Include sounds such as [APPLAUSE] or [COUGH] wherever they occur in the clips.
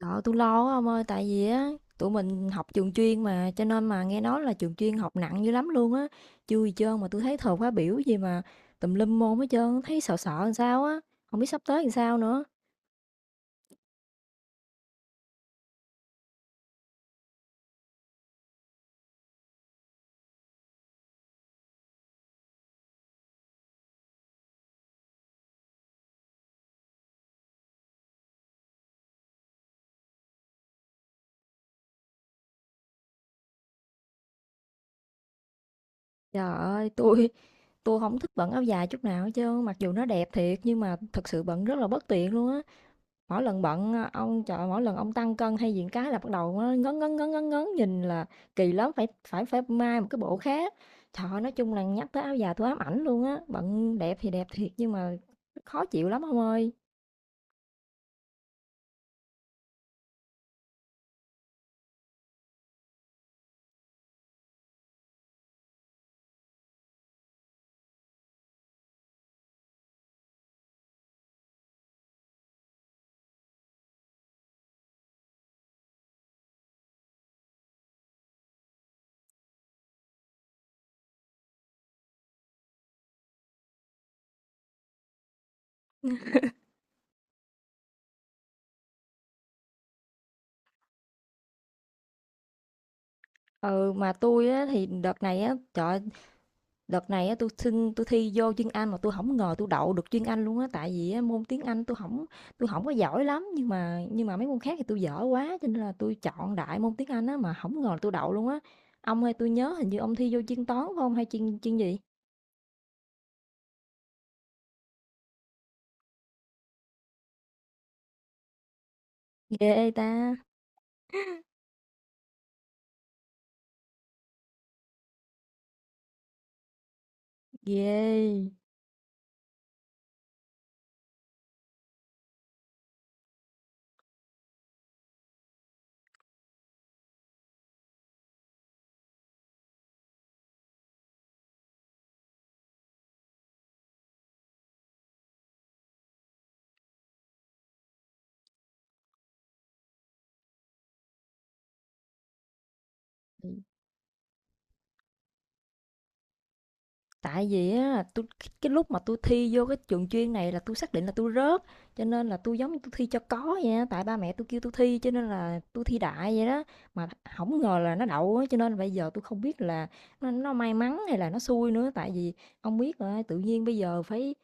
Đó, tôi lo quá ông ơi, tại vì á tụi mình học trường chuyên mà cho nên mà nghe nói là trường chuyên học nặng dữ lắm luôn á. Chưa gì trơn mà tôi thấy thời khóa biểu gì mà tùm lum môn hết trơn, thấy sợ sợ làm sao á, không biết sắp tới làm sao nữa. Trời ơi, tôi không thích bận áo dài chút nào hết trơn, mặc dù nó đẹp thiệt nhưng mà thật sự bận rất là bất tiện luôn á. Mỗi lần bận, ông trời mỗi lần ông tăng cân hay diện cái là bắt đầu á ngấn, ngấn, ngấn, ngấn, ngấn, nhìn là kỳ lắm, phải phải phải mai một cái bộ khác. Trời ơi, nói chung là nhắc tới áo dài tôi ám ảnh luôn á, bận đẹp thì đẹp thiệt nhưng mà khó chịu lắm ông ơi. Ừ, mà tôi á thì đợt này á, trời. Đợt này á, tui xin tui thi vô chuyên Anh mà tôi không ngờ tôi đậu được chuyên Anh luôn á, tại vì á, môn tiếng Anh tôi không có giỏi lắm, nhưng mà mấy môn khác thì tôi dở quá cho nên là tôi chọn đại môn tiếng Anh á mà không ngờ là tui đậu luôn á. Ông ơi, tôi nhớ hình như ông thi vô chuyên toán phải không hay chuyên chuyên gì? Ghê ta, ghê. Tại vì á, tôi cái lúc mà tôi thi vô cái trường chuyên này là tôi xác định là tôi rớt, cho nên là tôi giống như tôi thi cho có vậy á, tại ba mẹ tôi kêu tôi thi cho nên là tôi thi đại vậy đó, mà không ngờ là nó đậu á, cho nên bây giờ tôi không biết là nó may mắn hay là nó xui nữa, tại vì ông biết rồi, tự nhiên bây giờ phải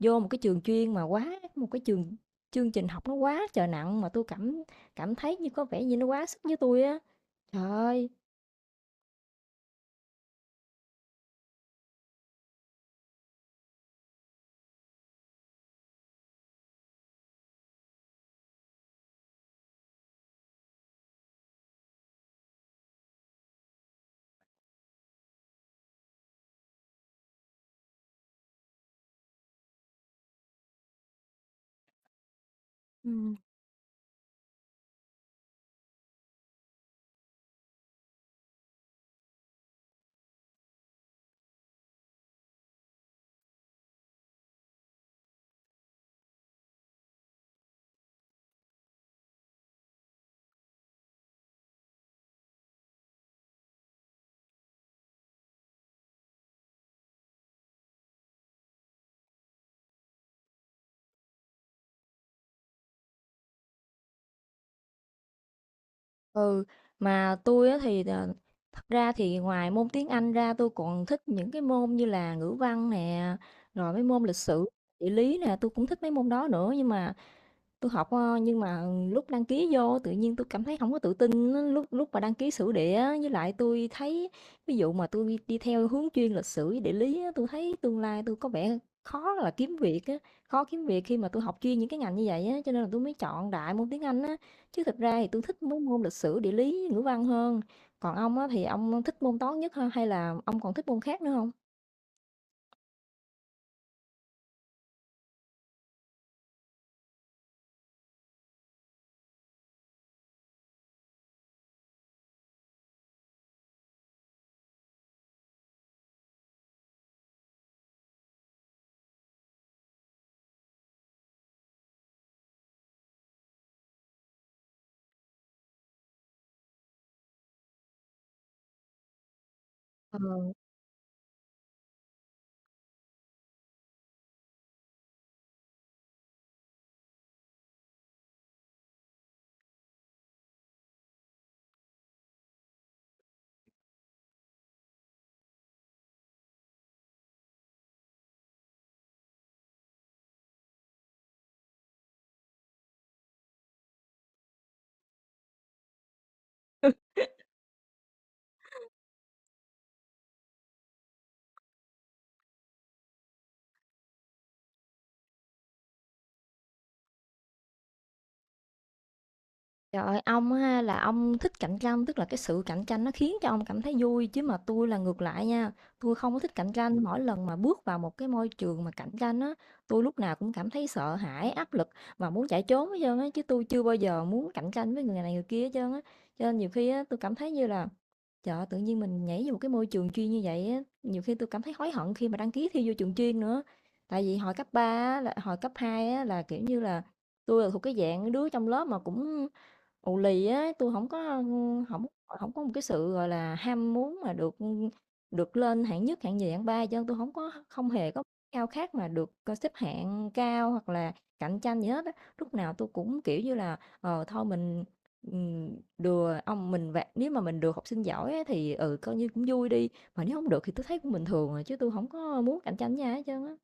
vô một cái trường chuyên mà quá một cái trường, chương trình học nó quá trời nặng mà tôi cảm cảm thấy như có vẻ như nó quá sức với tôi á. Trời ơi. Ừ. Ừ, mà tôi á thì thật ra thì ngoài môn tiếng Anh ra tôi còn thích những cái môn như là ngữ văn nè, rồi mấy môn lịch sử, địa lý nè, tôi cũng thích mấy môn đó nữa nhưng mà tôi học nhưng mà lúc đăng ký vô tự nhiên tôi cảm thấy không có tự tin á, lúc lúc mà đăng ký sử địa á, với lại tôi thấy ví dụ mà tôi đi theo hướng chuyên lịch sử với địa lý á, tôi thấy tương lai tôi có vẻ khó là kiếm việc á, khó kiếm việc khi mà tôi học chuyên những cái ngành như vậy á, cho nên là tôi mới chọn đại môn tiếng Anh á. Chứ thực ra thì tôi thích mấy môn lịch sử, địa lý, ngữ văn hơn. Còn ông á, thì ông thích môn toán nhất ha, hay là ông còn thích môn khác nữa không? Ờ. Trời ơi, ông á ha là ông thích cạnh tranh, tức là cái sự cạnh tranh nó khiến cho ông cảm thấy vui chứ mà tôi là ngược lại nha. Tôi không có thích cạnh tranh, mỗi lần mà bước vào một cái môi trường mà cạnh tranh á, tôi lúc nào cũng cảm thấy sợ hãi, áp lực và muốn chạy trốn hết trơn á chứ tôi chưa bao giờ muốn cạnh tranh với người này người kia hết trơn á. Cho nên nhiều khi á tôi cảm thấy như là trời ơi, tự nhiên mình nhảy vô một cái môi trường chuyên như vậy á, nhiều khi tôi cảm thấy hối hận khi mà đăng ký thi vô trường chuyên nữa. Tại vì hồi cấp 3 á, là hồi cấp 2 á là kiểu như là tôi là thuộc cái dạng đứa trong lớp mà cũng ù lì á, tôi không có, không không có một cái sự, gọi là, ham muốn mà được lên hạng nhất, hạng nhì, hạng ba cho nên tôi không hề có khao khát mà được, xếp hạng cao hoặc là cạnh tranh gì hết á. Lúc nào tôi cũng, kiểu như là, thôi mình, ừm, đừa ông mình vẽ, nếu mà mình được học sinh giỏi á thì, coi như cũng vui đi, mà nếu không được thì tôi thấy cũng bình thường à, chứ tôi không có muốn cạnh tranh với ai hết trơn á.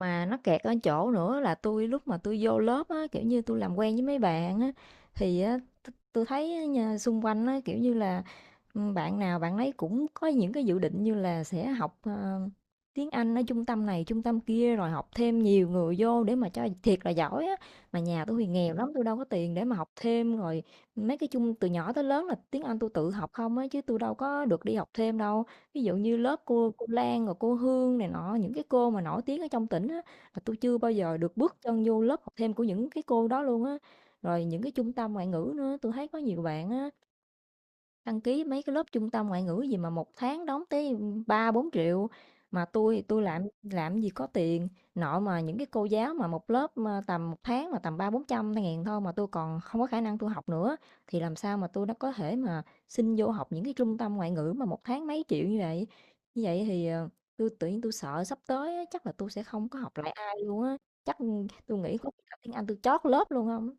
Mà nó kẹt ở chỗ nữa là tôi lúc mà tôi vô lớp á, kiểu như tôi làm quen với mấy bạn á, thì á, tôi thấy á nha, xung quanh á, kiểu như là ừ, bạn nào bạn ấy cũng có những cái dự định như là sẽ học tiếng Anh ở trung tâm này, trung tâm kia rồi học thêm nhiều người vô để mà cho thiệt là giỏi á. Mà nhà tôi thì nghèo lắm, tôi đâu có tiền để mà học thêm rồi mấy cái chung từ nhỏ tới lớn là tiếng Anh tôi tự học không á chứ tôi đâu có được đi học thêm đâu. Ví dụ như lớp cô Lan rồi cô Hương này nọ, những cái cô mà nổi tiếng ở trong tỉnh á, là tôi chưa bao giờ được bước chân vô lớp học thêm của những cái cô đó luôn á. Rồi những cái trung tâm ngoại ngữ nữa, tôi thấy có nhiều bạn á, đăng ký mấy cái lớp trung tâm ngoại ngữ gì mà một tháng đóng tới 3-4 triệu mà tôi làm gì có tiền, nội mà những cái cô giáo mà một lớp, tầm một tháng mà tầm 3-400 ngàn thôi mà tôi còn không có khả năng tôi học nữa, thì làm sao mà tôi nó có thể mà xin vô học những cái trung tâm ngoại ngữ mà một tháng mấy triệu như vậy. Như vậy thì, tui tự nhiên tui sợ sắp tới á, chắc là tôi sẽ không có học lại ai luôn á, chắc, tui nghĩ có khi học tiếng Anh tui trót lớp luôn không.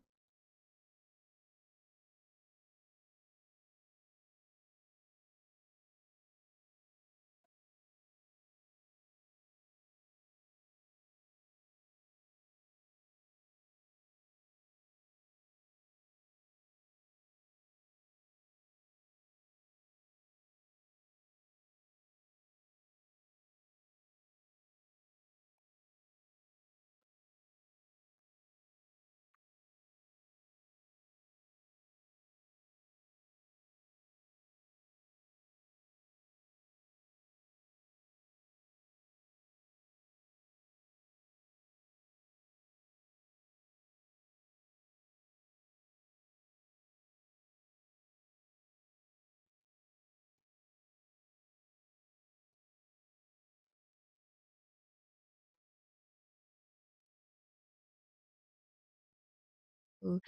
Ừ.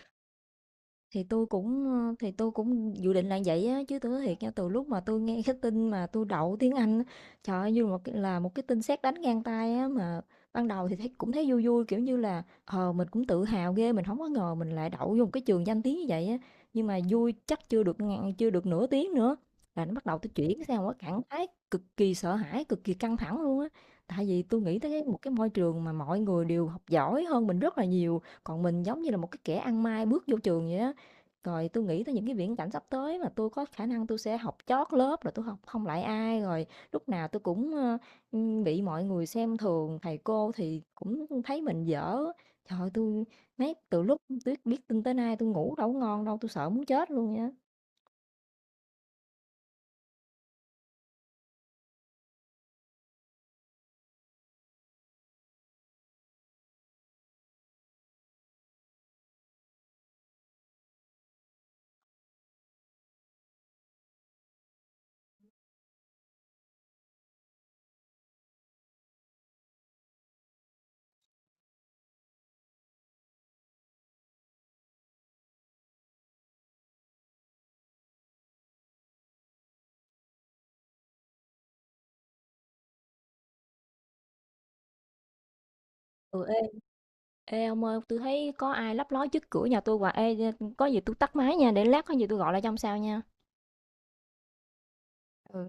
Thì tôi cũng dự định là vậy á, chứ tôi nói thiệt nha, từ lúc mà tôi nghe [LAUGHS] cái tin mà tôi đậu tiếng Anh á, trời ơi, như một cái là một cái tin sét đánh ngang tai á, mà ban đầu thì thấy cũng thấy vui vui, kiểu như là, mình cũng tự hào ghê, mình không có ngờ mình lại đậu vô một cái trường danh tiếng như vậy á, nhưng mà vui chắc chưa được ngàn chưa được nửa tiếng nữa là nó bắt đầu tôi chuyển sang một cái trạng thái cực kỳ sợ hãi, cực kỳ căng thẳng luôn á. Tại vì tôi nghĩ tới cái một cái môi trường mà mọi người đều học giỏi hơn mình rất là nhiều, còn mình giống như là một cái kẻ ăn may bước vô trường vậy á. Rồi tôi nghĩ tới những cái viễn cảnh sắp tới mà tôi có khả năng tôi sẽ học chót lớp, rồi tôi học không lại ai, rồi lúc nào tôi cũng, bị mọi người xem thường, thầy cô thì cũng thấy mình dở. Trời ơi, mấy từ lúc tui biết tin tới nay tôi ngủ đâu có ngon đâu, tôi sợ muốn chết luôn nha. Ừ, ê, ông ơi, tôi thấy có ai lấp ló trước cửa nhà tôi hoài. Ê, có gì tôi tắt máy nha, để lát có gì tôi gọi lại trong sao nha. Ừ.